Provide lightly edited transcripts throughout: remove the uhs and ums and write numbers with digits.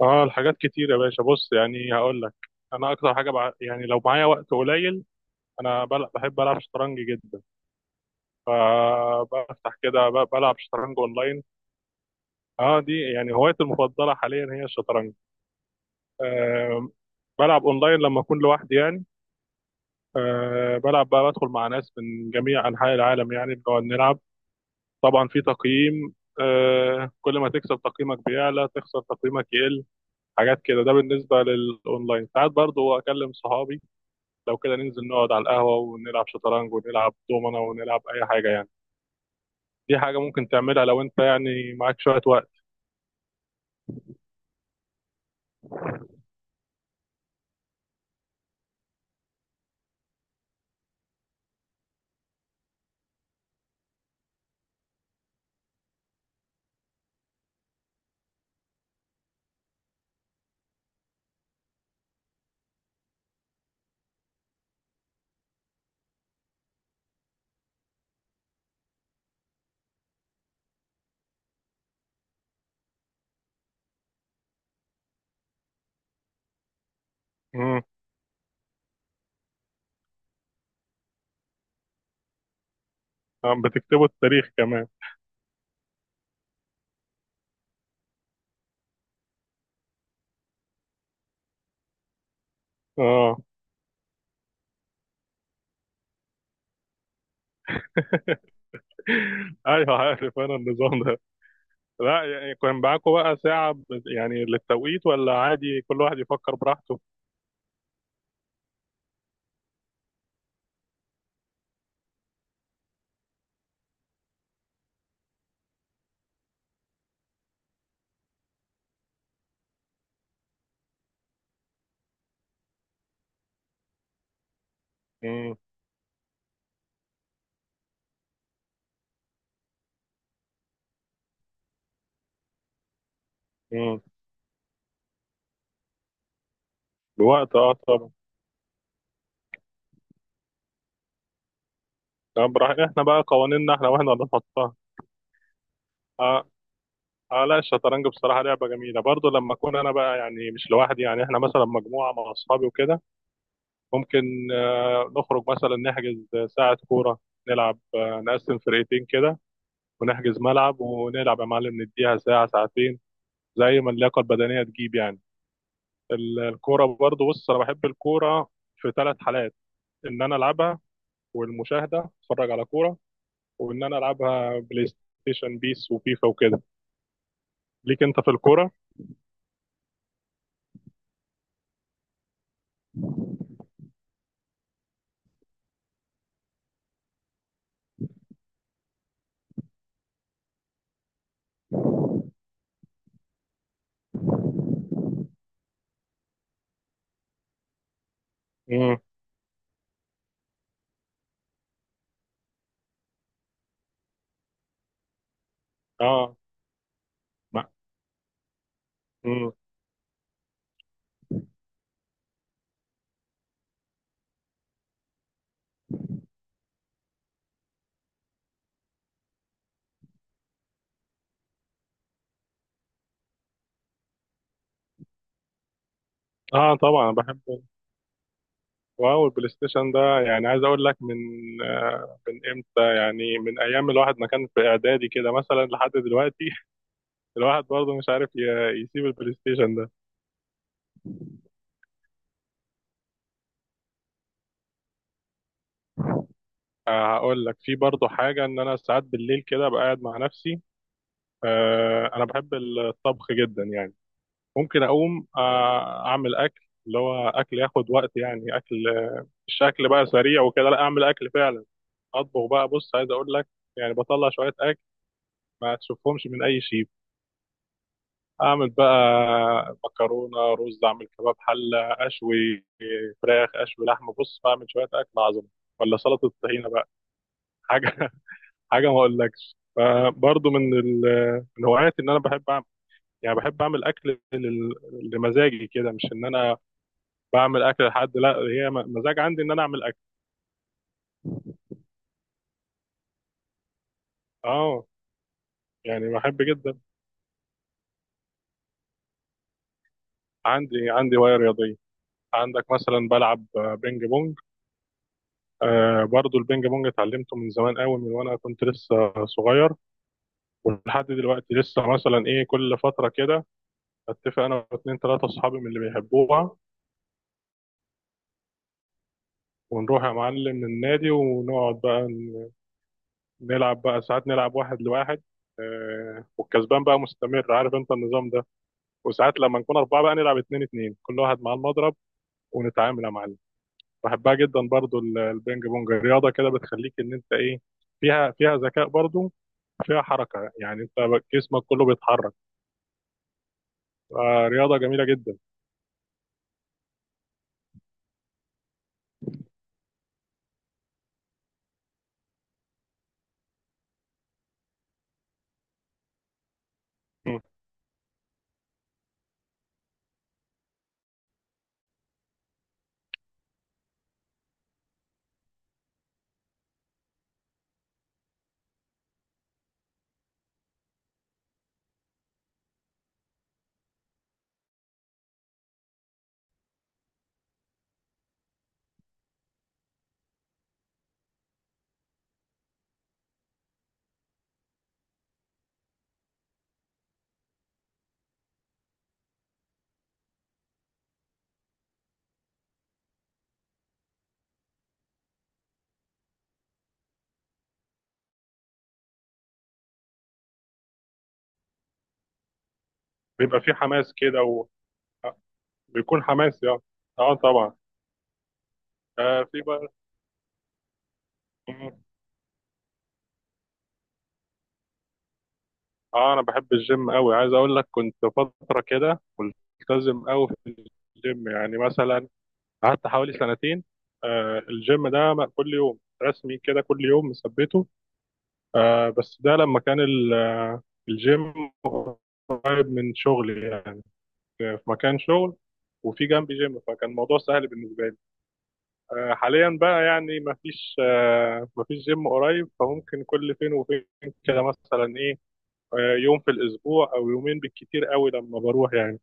اه الحاجات كتير يا باشا، بص يعني هقول لك. انا اكتر حاجه يعني لو معايا وقت قليل، انا بحب العب شطرنج جدا. فبفتح كده بلعب شطرنج اونلاين. اه، دي يعني هوايتي المفضله حاليا هي الشطرنج. آه بلعب اونلاين لما اكون لوحدي يعني. بلعب بقى، بدخل مع ناس من جميع انحاء العالم يعني بنقعد نلعب. طبعا في تقييم، كل ما تكسب تقييمك بيعلى، تخسر تقييمك يقل، حاجات كده. ده بالنسبه للاونلاين. ساعات برضو اكلم صحابي لو كده ننزل نقعد على القهوة ونلعب شطرنج ونلعب دومنة ونلعب أي حاجة يعني. دي حاجة ممكن تعملها لو أنت يعني معاك شوية وقت. امم، بتكتبوا التاريخ كمان؟ اه. ايوه عارف انا النظام ده. لا، يعني كان معاكم بقى ساعة يعني للتوقيت، ولا عادي كل واحد يفكر براحته؟ امم. امم. بوقت، اه طبعا. طب احنا بقى قوانيننا احنا، واحنا اللي نحطها. اه. اه لا، الشطرنج بصراحة لعبة جميلة برضو لما اكون انا بقى يعني مش لوحدي، يعني احنا مثلا مجموعة مع اصحابي وكده. ممكن نخرج مثلا، نحجز ساعة كورة، نلعب، نقسم فرقتين كده، ونحجز ملعب ونلعب يا معلم، نديها ساعة ساعتين، زي ما اللياقة البدنية تجيب يعني. الكورة برضو، بص أنا بحب الكورة في ثلاث حالات: إن أنا ألعبها، والمشاهدة أتفرج على كورة، وإن أنا ألعبها بلاي ستيشن، بيس وفيفا وكده. ليك أنت في الكورة؟ امم. آه. ما. مم. آه طبعا بحب. واو، البلاي ستيشن ده يعني عايز اقول لك من من امتى، يعني من ايام الواحد ما كان في اعدادي كده مثلا لحد دلوقتي. الواحد برضه مش عارف يسيب البلاي ستيشن ده. هقول لك في برضه حاجه، ان انا ساعات بالليل كده ابقى قاعد مع نفسي. انا بحب الطبخ جدا يعني. ممكن اقوم اعمل اكل، اللي هو اكل ياخد وقت يعني، اكل مش اكل بقى سريع وكده، لا اعمل اكل فعلا. اطبخ بقى. بص عايز اقول لك، يعني بطلع شويه اكل ما تشوفهمش من اي شيء. اعمل بقى مكرونه، رز، اعمل كباب، حله اشوي، فراخ اشوي، لحمه. بص بعمل شويه اكل عظمه، ولا سلطه الطحينه بقى، حاجه. حاجه ما اقولكش. فبرضه من من هواياتي ان انا بحب اعمل، يعني بحب اعمل اكل لمزاجي كده، مش ان انا بعمل اكل لحد، لا هي مزاج عندي ان انا اعمل اكل. اه. يعني بحب جدا. عندي هوايه رياضيه. عندك مثلا، بلعب بينج بونج. آه، برضو البينج بونج اتعلمته من زمان قوي، من وانا كنت لسه صغير. ولحد دلوقتي لسه مثلا ايه، كل فترة كده اتفق انا واتنين تلاتة اصحابي من اللي بيحبوها، ونروح يا معلم النادي، ونقعد بقى نلعب بقى ساعات، نلعب واحد لواحد. والكسبان بقى مستمر، عارف انت النظام ده. وساعات لما نكون اربعة بقى نلعب اتنين اتنين، كل واحد مع المضرب ونتعامل يا معلم. بحبها جدا برضو، البينج بونج رياضة كده بتخليك ان انت ايه، فيها ذكاء برضو، فيها حركة يعني انت جسمك كله بيتحرك. رياضة جميلة جدا. مم. بيبقى في حماس كده. آه، بيكون حماس يعني. اه طبعا. في بقى. مم. اه انا بحب الجيم قوي، عايز اقول لك كنت فتره كده ملتزم قوي في الجيم يعني، مثلا قعدت حوالي سنتين. الجيم ده كل يوم رسمي كده، كل يوم مثبته. بس ده لما كان الجيم قريب من شغلي يعني، في مكان شغل، وفي جنبي جيم، فكان الموضوع سهل بالنسبه لي. حاليا بقى يعني مفيش، مفيش جيم قريب، فممكن كل فين وفين كده مثلا ايه، يوم في الاسبوع او يومين بالكتير قوي لما بروح يعني.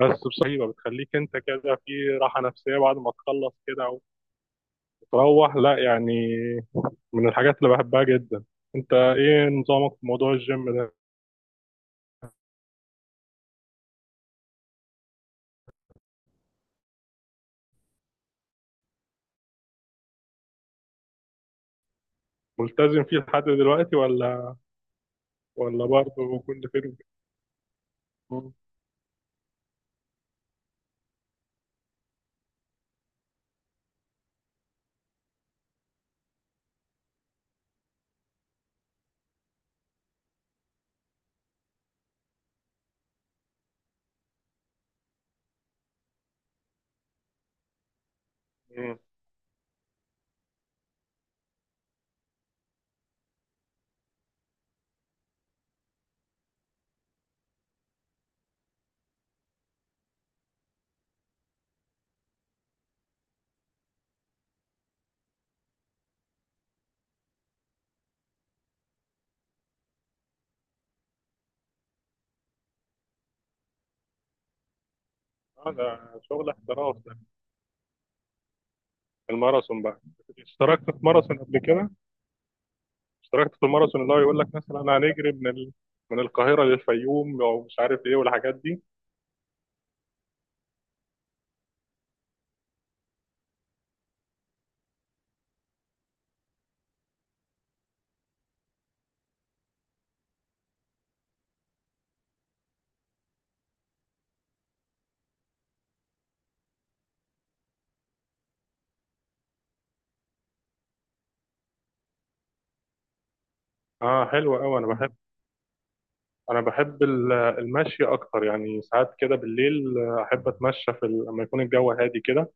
بس بصحيبه بتخليك انت كده في راحه نفسيه بعد ما تخلص كده وتروح، لا يعني من الحاجات اللي بحبها جدا. انت ايه نظامك في موضوع الجيم ده؟ ملتزم فيه لحد دلوقتي ولا برضه كل فين وفين؟ مم. اه ده شغل احتراف ده. الماراثون بقى، اشتركت في ماراثون قبل كده؟ اشتركت في الماراثون اللي هو يقول لك مثلا هنجري من من القاهرة للفيوم او مش عارف ايه والحاجات دي. اه حلوة قوي، انا بحب، المشي اكتر يعني. ساعات كده بالليل احب اتمشى في لما يكون الجو هادي كده.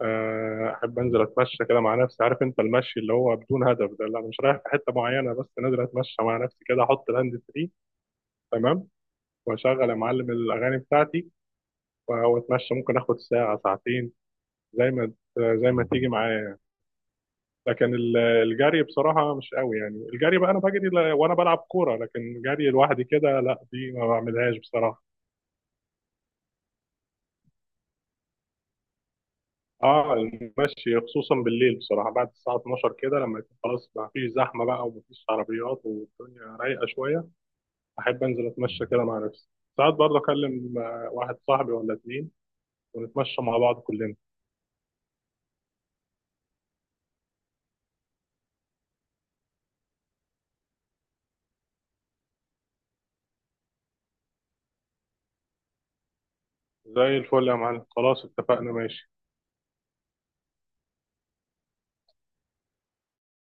احب انزل اتمشى كده مع نفسي، عارف انت المشي اللي هو بدون هدف ده، اللي انا مش رايح في حتة معينة، بس نازل اتمشى مع نفسي كده، احط الهاند فري، تمام، واشغل يا معلم الاغاني بتاعتي، واتمشى ممكن اخد ساعة ساعتين، زي ما زي ما تيجي معايا. لكن الجري بصراحة مش قوي يعني. الجري بقى أنا بجري وأنا بلعب كورة، لكن جري لوحدي كده لا، دي ما بعملهاش بصراحة. اه المشي خصوصا بالليل بصراحة بعد الساعة 12 كده، لما يكون خلاص ما فيش زحمة بقى وما فيش عربيات والدنيا رايقة شوية، أحب أنزل أتمشى كده مع نفسي. ساعات برضه أكلم واحد صاحبي ولا اتنين، ونتمشى مع بعض كلنا. زي الفل يا معلم، خلاص اتفقنا، ماشي.